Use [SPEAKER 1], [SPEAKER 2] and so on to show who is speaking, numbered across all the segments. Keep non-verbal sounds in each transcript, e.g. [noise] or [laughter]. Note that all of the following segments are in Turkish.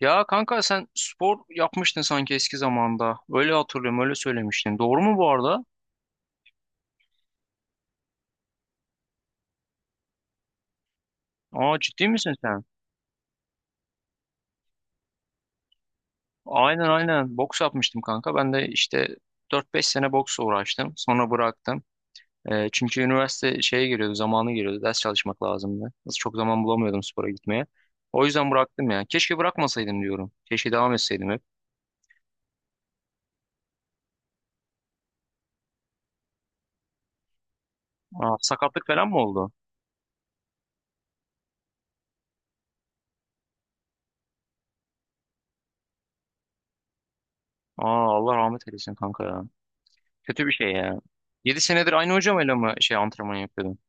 [SPEAKER 1] Ya kanka sen spor yapmıştın sanki eski zamanda. Öyle hatırlıyorum, öyle söylemiştin. Doğru mu bu arada? Aa, ciddi misin sen? Aynen, aynen. Boks yapmıştım kanka. Ben de işte 4 5 sene boksla uğraştım. Sonra bıraktım. Çünkü üniversite şeye giriyordu, zamanı giriyordu. Ders çalışmak lazımdı. Nasıl çok zaman bulamıyordum spora gitmeye. O yüzden bıraktım ya. Keşke bırakmasaydım diyorum. Keşke devam etseydim hep. Aa, sakatlık falan mı oldu? Aa, Allah rahmet eylesin kanka ya. Kötü bir şey ya. 7 senedir aynı hocamla mı antrenman yapıyordun?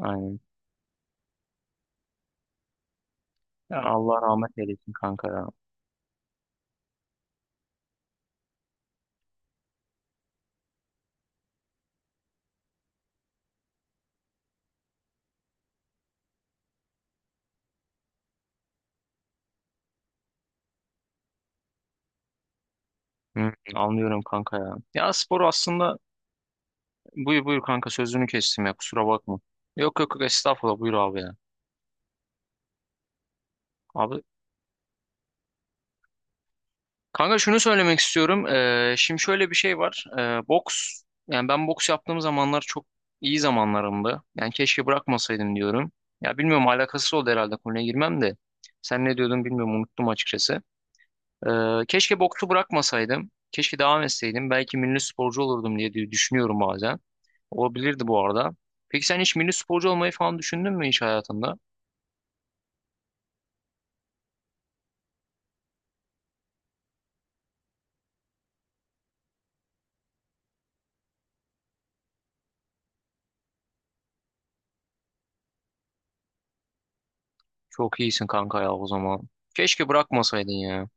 [SPEAKER 1] Aynen. Ya Allah rahmet eylesin kanka ya. Hı, anlıyorum kanka ya. Ya spor aslında buyur buyur kanka, sözünü kestim ya, kusura bakma. Yok, yok, yok, estağfurullah, buyur abi ya. Abi kanka, şunu söylemek istiyorum. Şimdi şöyle bir şey var. Boks, yani ben boks yaptığım zamanlar çok iyi zamanlarımdı. Yani keşke bırakmasaydım diyorum. Ya bilmiyorum, alakasız oldu herhalde konuya girmem de. Sen ne diyordun, bilmiyorum, unuttum açıkçası. Keşke boksu bırakmasaydım. Keşke devam etseydim. Belki milli sporcu olurdum diye diye düşünüyorum bazen. Olabilirdi bu arada. Peki sen hiç milli sporcu olmayı falan düşündün mü hiç hayatında? Çok iyisin kanka ya o zaman. Keşke bırakmasaydın ya.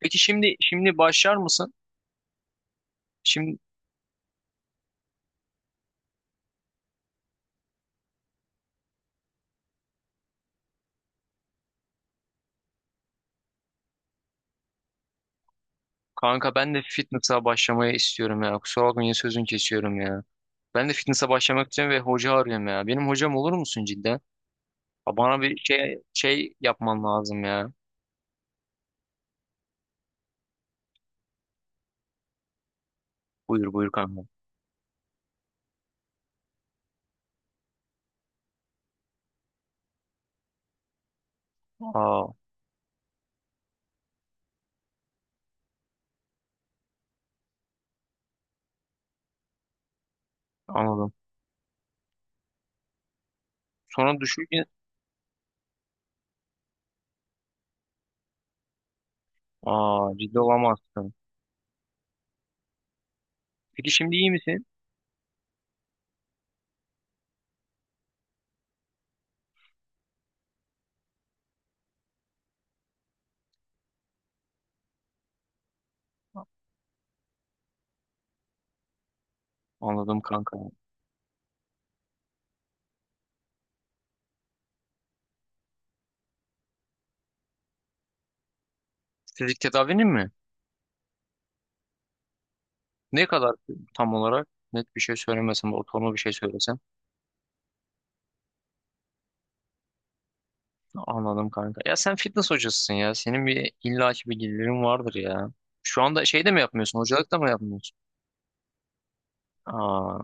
[SPEAKER 1] Peki şimdi başlar mısın? Şimdi kanka ben de fitness'a başlamayı istiyorum ya. Kusura bakma, yine sözünü kesiyorum ya. Ben de fitness'a başlamak için ve hoca arıyorum ya. Benim hocam olur musun cidden? Aa, bana bir şey yapman lazım ya. Buyur buyur kanka. Aa, anladım. Sonra düşünce aa, ciddi olamazsın. Peki şimdi iyi misin? Anladım kanka. Fizik tedavinin mi? Ne kadar tam olarak? Net bir şey söylemesen de ortalama bir şey söylesen. Anladım kanka. Ya sen fitness hocasısın ya. Senin bir illaki bir gelirin vardır ya. Şu anda şey de mi yapmıyorsun? Hocalık da mı yapmıyorsun? Aa,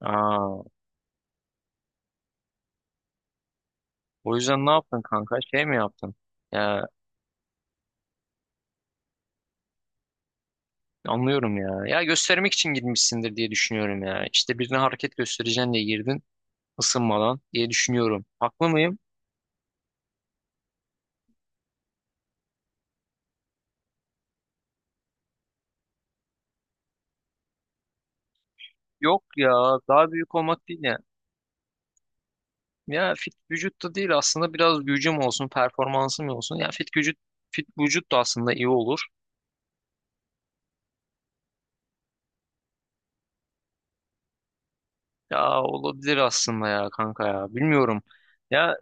[SPEAKER 1] aa. O yüzden ne yaptın kanka? Şey mi yaptın? Ya anlıyorum ya. Ya göstermek için girmişsindir diye düşünüyorum ya. İşte birine hareket göstereceğin diye girdin ısınmadan diye düşünüyorum. Haklı mıyım? Yok ya, daha büyük olmak değil ya. Ya fit vücut da değil aslında, biraz gücüm olsun, performansım olsun. Ya fit vücut da aslında iyi olur. Ya olabilir aslında ya kanka ya. Bilmiyorum. Ya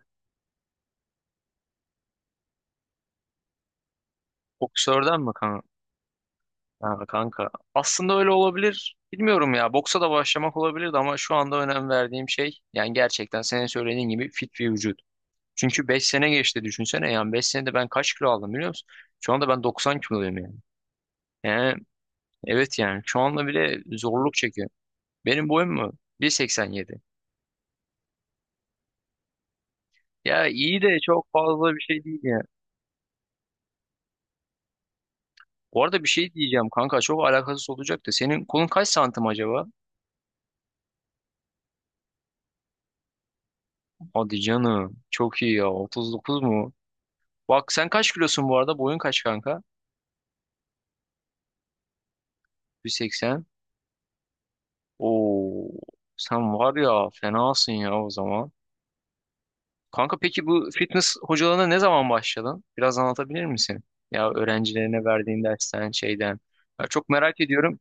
[SPEAKER 1] boksörden mi ha, kanka? Aslında öyle olabilir. Bilmiyorum ya. Boksa da başlamak olabilirdi ama şu anda önem verdiğim şey yani gerçekten senin söylediğin gibi fit bir vücut. Çünkü 5 sene geçti düşünsene, yani 5 senede ben kaç kilo aldım biliyor musun? Şu anda ben 90 kiloluyum yani. He, evet, yani şu anda bile zorluk çekiyor. Benim boyum mu? 1,87. Ya iyi de çok fazla bir şey değil ya. Bu arada bir şey diyeceğim kanka, çok alakasız olacak da senin kolun kaç santim acaba? Hadi canım, çok iyi ya, 39 mu? Bak sen kaç kilosun bu arada, boyun kaç kanka? 1,80. Oo, sen var ya fenasın ya o zaman. Kanka peki bu fitness hocalarına ne zaman başladın? Biraz anlatabilir misin? Ya öğrencilerine verdiğin dersten, şeyden. Ya çok merak ediyorum.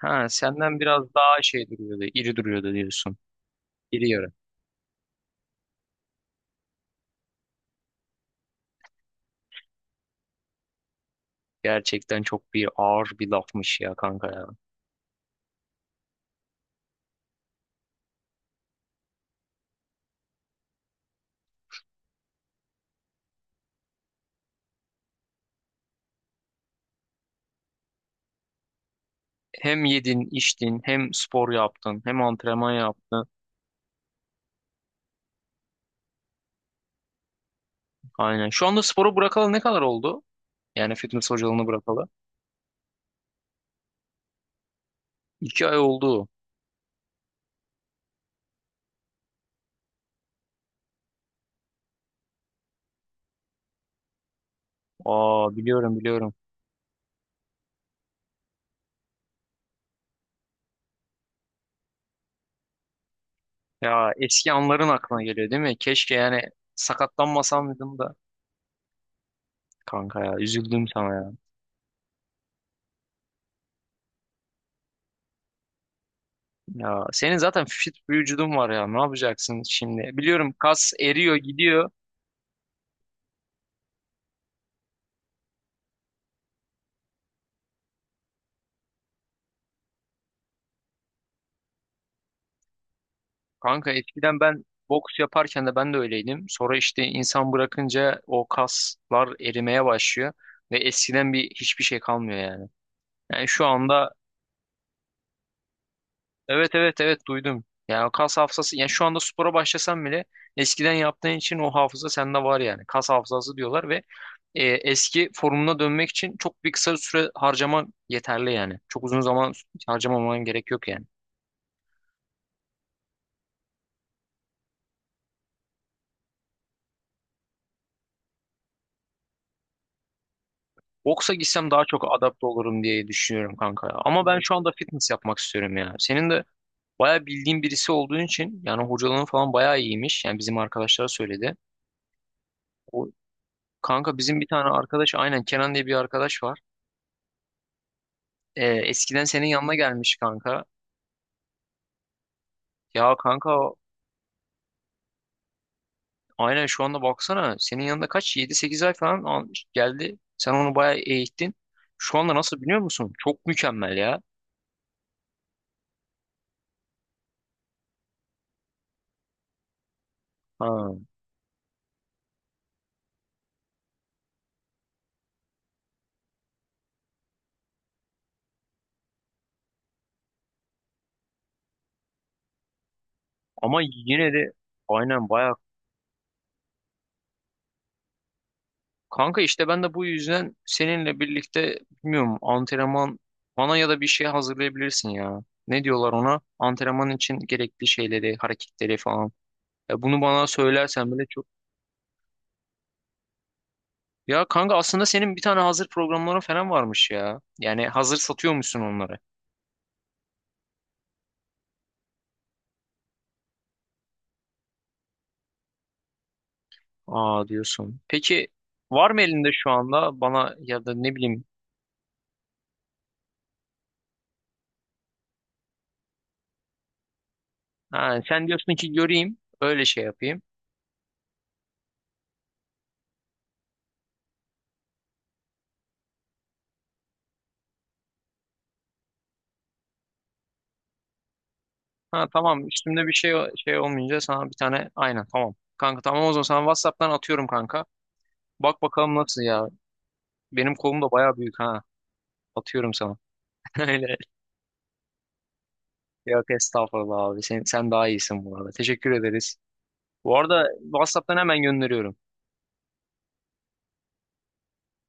[SPEAKER 1] Ha, senden biraz daha şey duruyordu, iri duruyordu diyorsun. İri yarı. Gerçekten çok bir ağır bir lafmış ya kanka ya. Hem yedin, içtin, hem spor yaptın, hem antrenman yaptın. Aynen. Şu anda sporu bırakalı ne kadar oldu? Yani fitness hocalığını bırakalı. 2 ay oldu. Aa, biliyorum, biliyorum. Ya eski anların aklına geliyor değil mi? Keşke yani sakatlanmasam dedim da. Kanka ya, üzüldüm sana ya. Ya senin zaten fit bir vücudun var ya, ne yapacaksın şimdi? Biliyorum, kas eriyor gidiyor. Kanka eskiden ben boks yaparken de ben de öyleydim. Sonra işte insan bırakınca o kaslar erimeye başlıyor ve eskiden bir hiçbir şey kalmıyor yani. Yani şu anda evet, evet, evet, duydum. Yani o kas hafızası, yani şu anda spora başlasan bile eskiden yaptığın için o hafıza sende var yani. Kas hafızası diyorlar ve eski formuna dönmek için çok bir kısa süre harcaman yeterli yani. Çok uzun zaman harcamaman gerek yok yani. Boksa gitsem daha çok adapte olurum diye düşünüyorum kanka ya. Ama ben şu anda fitness yapmak istiyorum ya. Senin de bayağı bildiğin birisi olduğun için yani hocalığın falan bayağı iyiymiş. Yani bizim arkadaşlara söyledi. O, kanka bizim bir tane arkadaş, aynen, Kenan diye bir arkadaş var. Eskiden senin yanına gelmiş kanka. Ya kanka aynen, şu anda baksana, senin yanında 7, 8 ay falan almış, geldi. Sen onu bayağı eğittin. Şu anda nasıl biliyor musun? Çok mükemmel ya. Ha. Ama yine de aynen bayağı. Kanka işte ben de bu yüzden seninle birlikte bilmiyorum, antrenman bana ya da bir şey hazırlayabilirsin ya. Ne diyorlar ona? Antrenman için gerekli şeyleri, hareketleri falan. Ya bunu bana söylersen bile çok... Ya kanka aslında senin bir tane hazır programların falan varmış ya. Yani hazır satıyormuşsun onları. Aa, diyorsun. Peki var mı elinde şu anda bana ya da ne bileyim. Ha, sen diyorsun ki göreyim öyle şey yapayım. Ha, tamam, üstümde bir şey olmayınca sana bir tane, aynen, tamam. Kanka tamam, o zaman sana WhatsApp'tan atıyorum kanka. Bak bakalım nasıl ya. Benim kolum da bayağı büyük ha. Atıyorum sana. [laughs] Öyle. Yok estağfurullah abi. Sen daha iyisin bu arada. Teşekkür ederiz. Bu arada WhatsApp'tan hemen gönderiyorum.